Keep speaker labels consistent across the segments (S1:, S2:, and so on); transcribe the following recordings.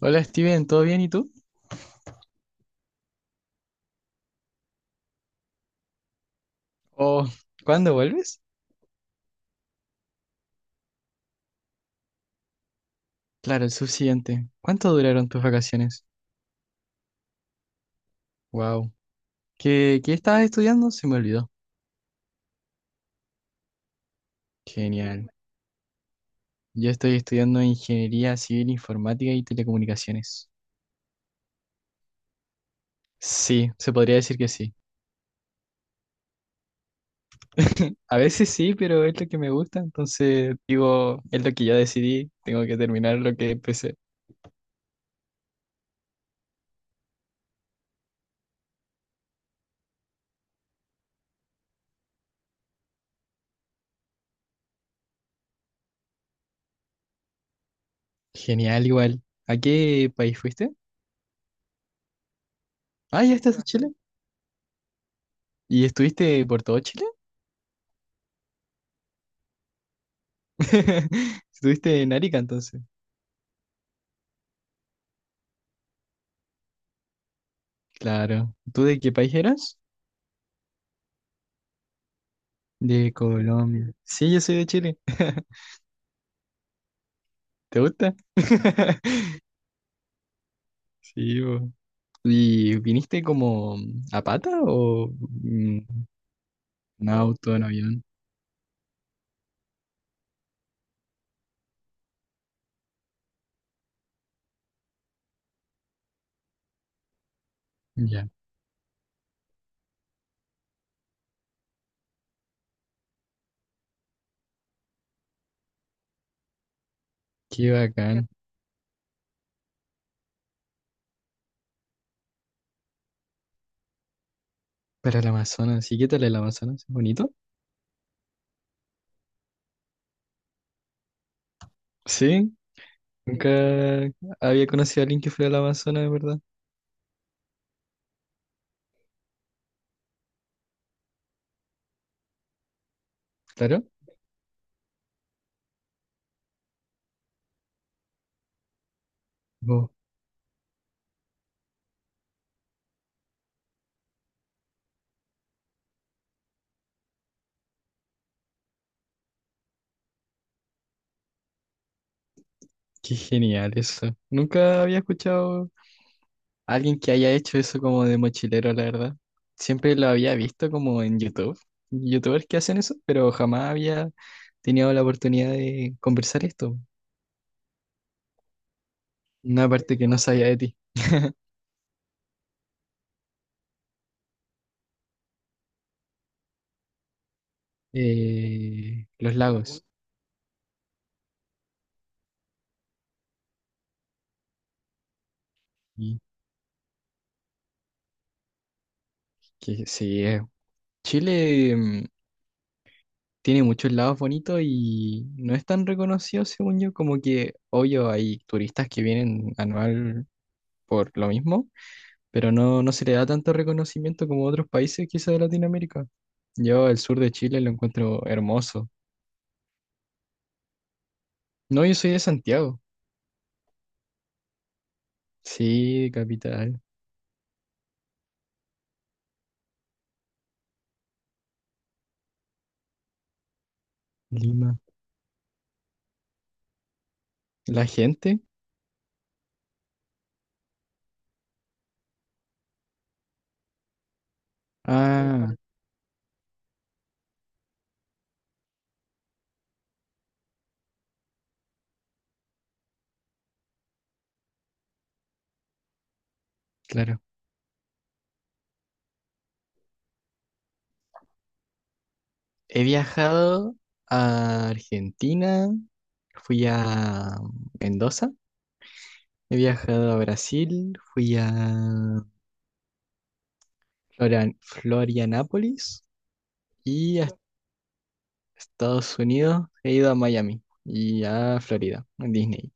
S1: Hola Steven, ¿todo bien y tú? ¿O cuándo vuelves? Claro, el subsiguiente. ¿Cuánto duraron tus vacaciones? Wow. ¿Qué estabas estudiando? Se me olvidó. Genial. Yo estoy estudiando Ingeniería Civil Informática y Telecomunicaciones. Sí, se podría decir que sí. A veces sí, pero es lo que me gusta, entonces digo, es lo que ya decidí, tengo que terminar lo que empecé. Genial, igual. ¿A qué país fuiste? Ah, ya estás en Chile. ¿Y estuviste por todo Chile? Estuviste en Arica entonces. Claro. ¿Tú de qué país eras? De Colombia. Sí, yo soy de Chile. ¿Te gusta? Sí, po. ¿Y viniste como a pata o mm, en auto, en avión? Ya. Qué bacán. Para el Amazonas. ¿Y qué tal el Amazonas? ¿Es bonito? Sí. Nunca había conocido a alguien que fuera al Amazonas, de verdad. Claro. Oh, qué genial eso. Nunca había escuchado alguien que haya hecho eso como de mochilero, la verdad. Siempre lo había visto como en YouTube. YouTubers que hacen eso, pero jamás había tenido la oportunidad de conversar esto. Una parte que no sabía de ti. Los lagos. Y que sí, Chile tiene muchos lagos bonitos y no es tan reconocido, según yo, como que, obvio, hay turistas que vienen anual por lo mismo, pero no se le da tanto reconocimiento como otros países quizá de Latinoamérica. Yo el sur de Chile lo encuentro hermoso. No, yo soy de Santiago. Sí, capital. Lima. La gente. Ah, claro. He viajado a Argentina, fui a Mendoza, he viajado a Brasil, fui a Florianápolis y a Estados Unidos, he ido a Miami y a Florida, a Disney.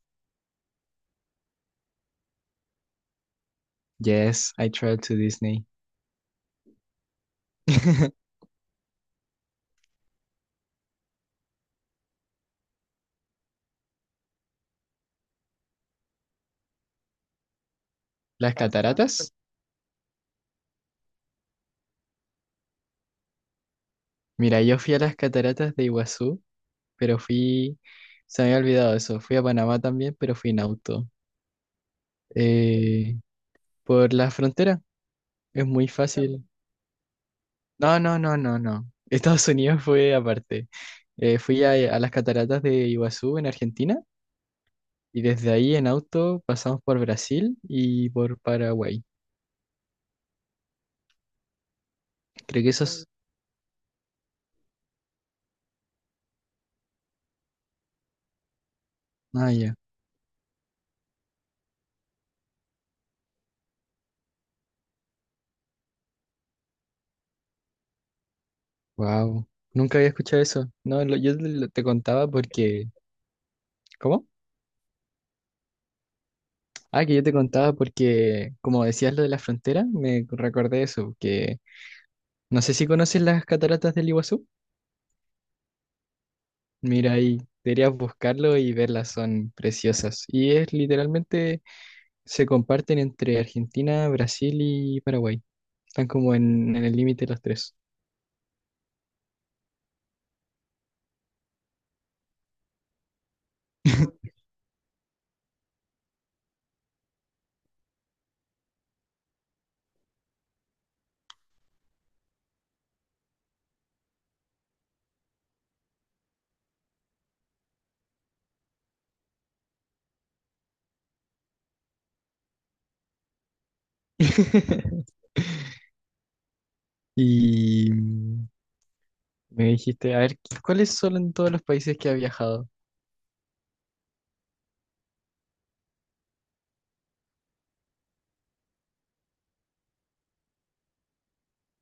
S1: Yes, I traveled to Disney. Las cataratas. Mira, yo fui a las cataratas de Iguazú, pero se me había olvidado eso. Fui a Panamá también, pero fui en auto. Eh, por la frontera, es muy fácil. No, no, no, no, no. Estados Unidos fue aparte. Fui a las cataratas de Iguazú en Argentina y desde ahí en auto pasamos por Brasil y por Paraguay. Creo que esos. Ah, ya. Wow. Nunca había escuchado eso. No, te contaba porque ¿cómo? Ah, que yo te contaba porque, como decías lo de la frontera, me recordé eso, que no sé si conoces las cataratas del Iguazú. Mira ahí, deberías buscarlo y verlas, son preciosas. Y es literalmente, se comparten entre Argentina, Brasil y Paraguay. Están como en el límite los tres. Y me dijiste, a ver, ¿cuáles son en todos los países que ha viajado?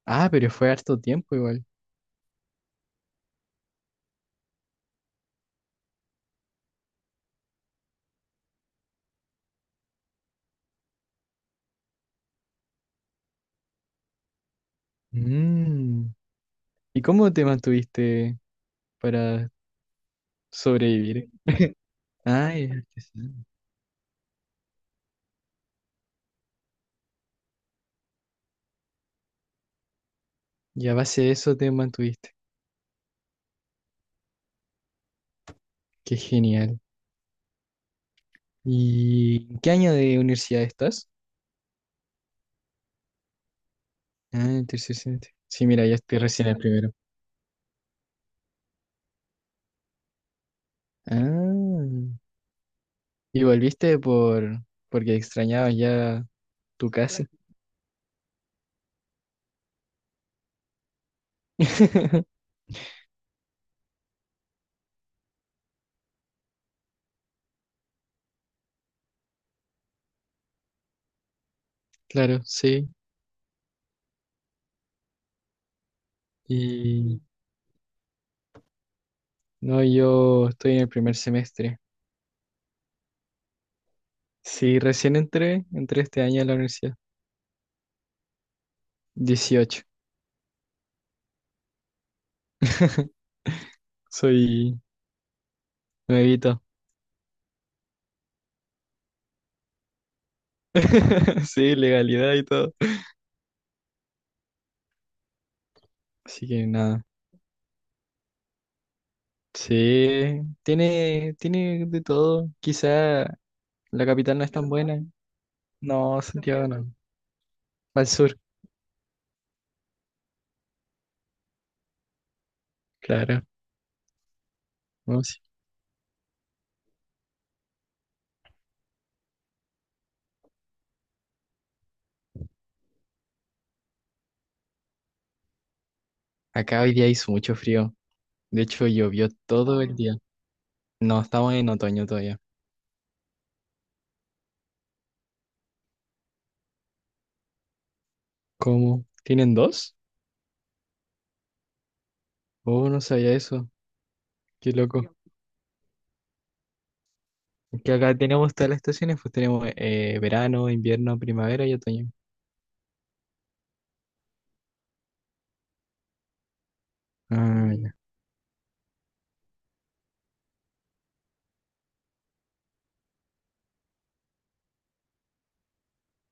S1: Ah, pero fue harto tiempo igual. Mm. ¿Y cómo te mantuviste para sobrevivir? Ay, artesano. Y a base de eso te mantuviste. Qué genial. ¿Y en qué año de universidad estás? Ah, en tercer semestre. Sí, mira, ya estoy recién en el primero. Ah, y volviste porque extrañabas ya tu casa. Claro, sí. Y no, yo estoy en el primer semestre. Sí, recién entré este año a la universidad. 18. Soy nuevito. Sí, legalidad y todo. Así que nada. Sí, tiene de todo. Quizá la capital no es tan buena. No, Santiago no. Al sur, claro. No, sí. Acá hoy día hizo mucho frío. De hecho, llovió todo el día. No, estamos en otoño todavía. ¿Cómo? ¿Tienen dos? Oh, no sabía eso. Qué loco. Es que acá tenemos todas las estaciones, pues tenemos verano, invierno, primavera y otoño. Ah, ya,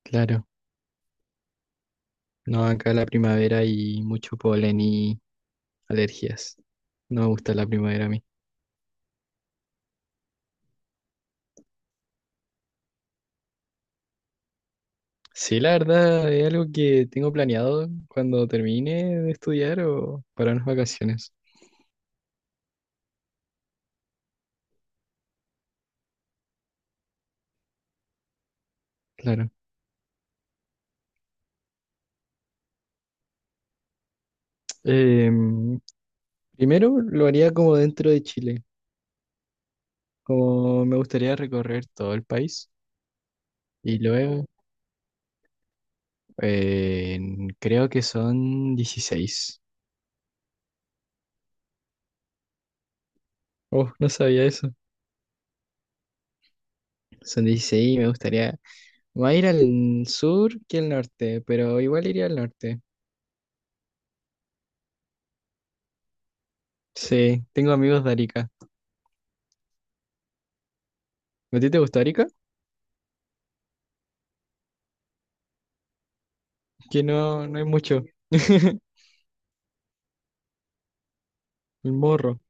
S1: claro. No, acá la primavera y mucho polen y alergias. No me gusta la primavera a mí. Sí, la verdad, es algo que tengo planeado cuando termine de estudiar o para unas vacaciones. Claro. Em, primero lo haría como dentro de Chile, como me gustaría recorrer todo el país. Y luego, creo que son 16. Oh, no sabía eso. Son dieciséis. Y me gustaría más ir al sur que al norte, pero igual iría al norte. Sí, tengo amigos de Arica. ¿A ti te gusta Arica? Que no, no hay mucho. El morro.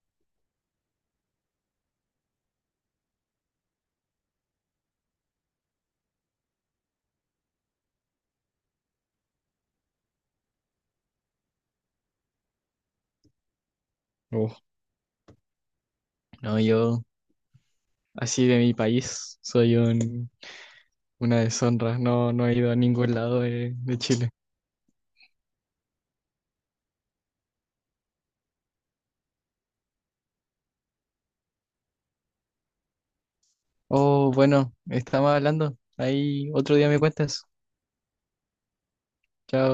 S1: Oh, no, yo, así de mi país, soy una deshonra. No, no he ido a ningún lado de Chile. Oh, bueno, estamos hablando. Ahí otro día me cuentas. Chao.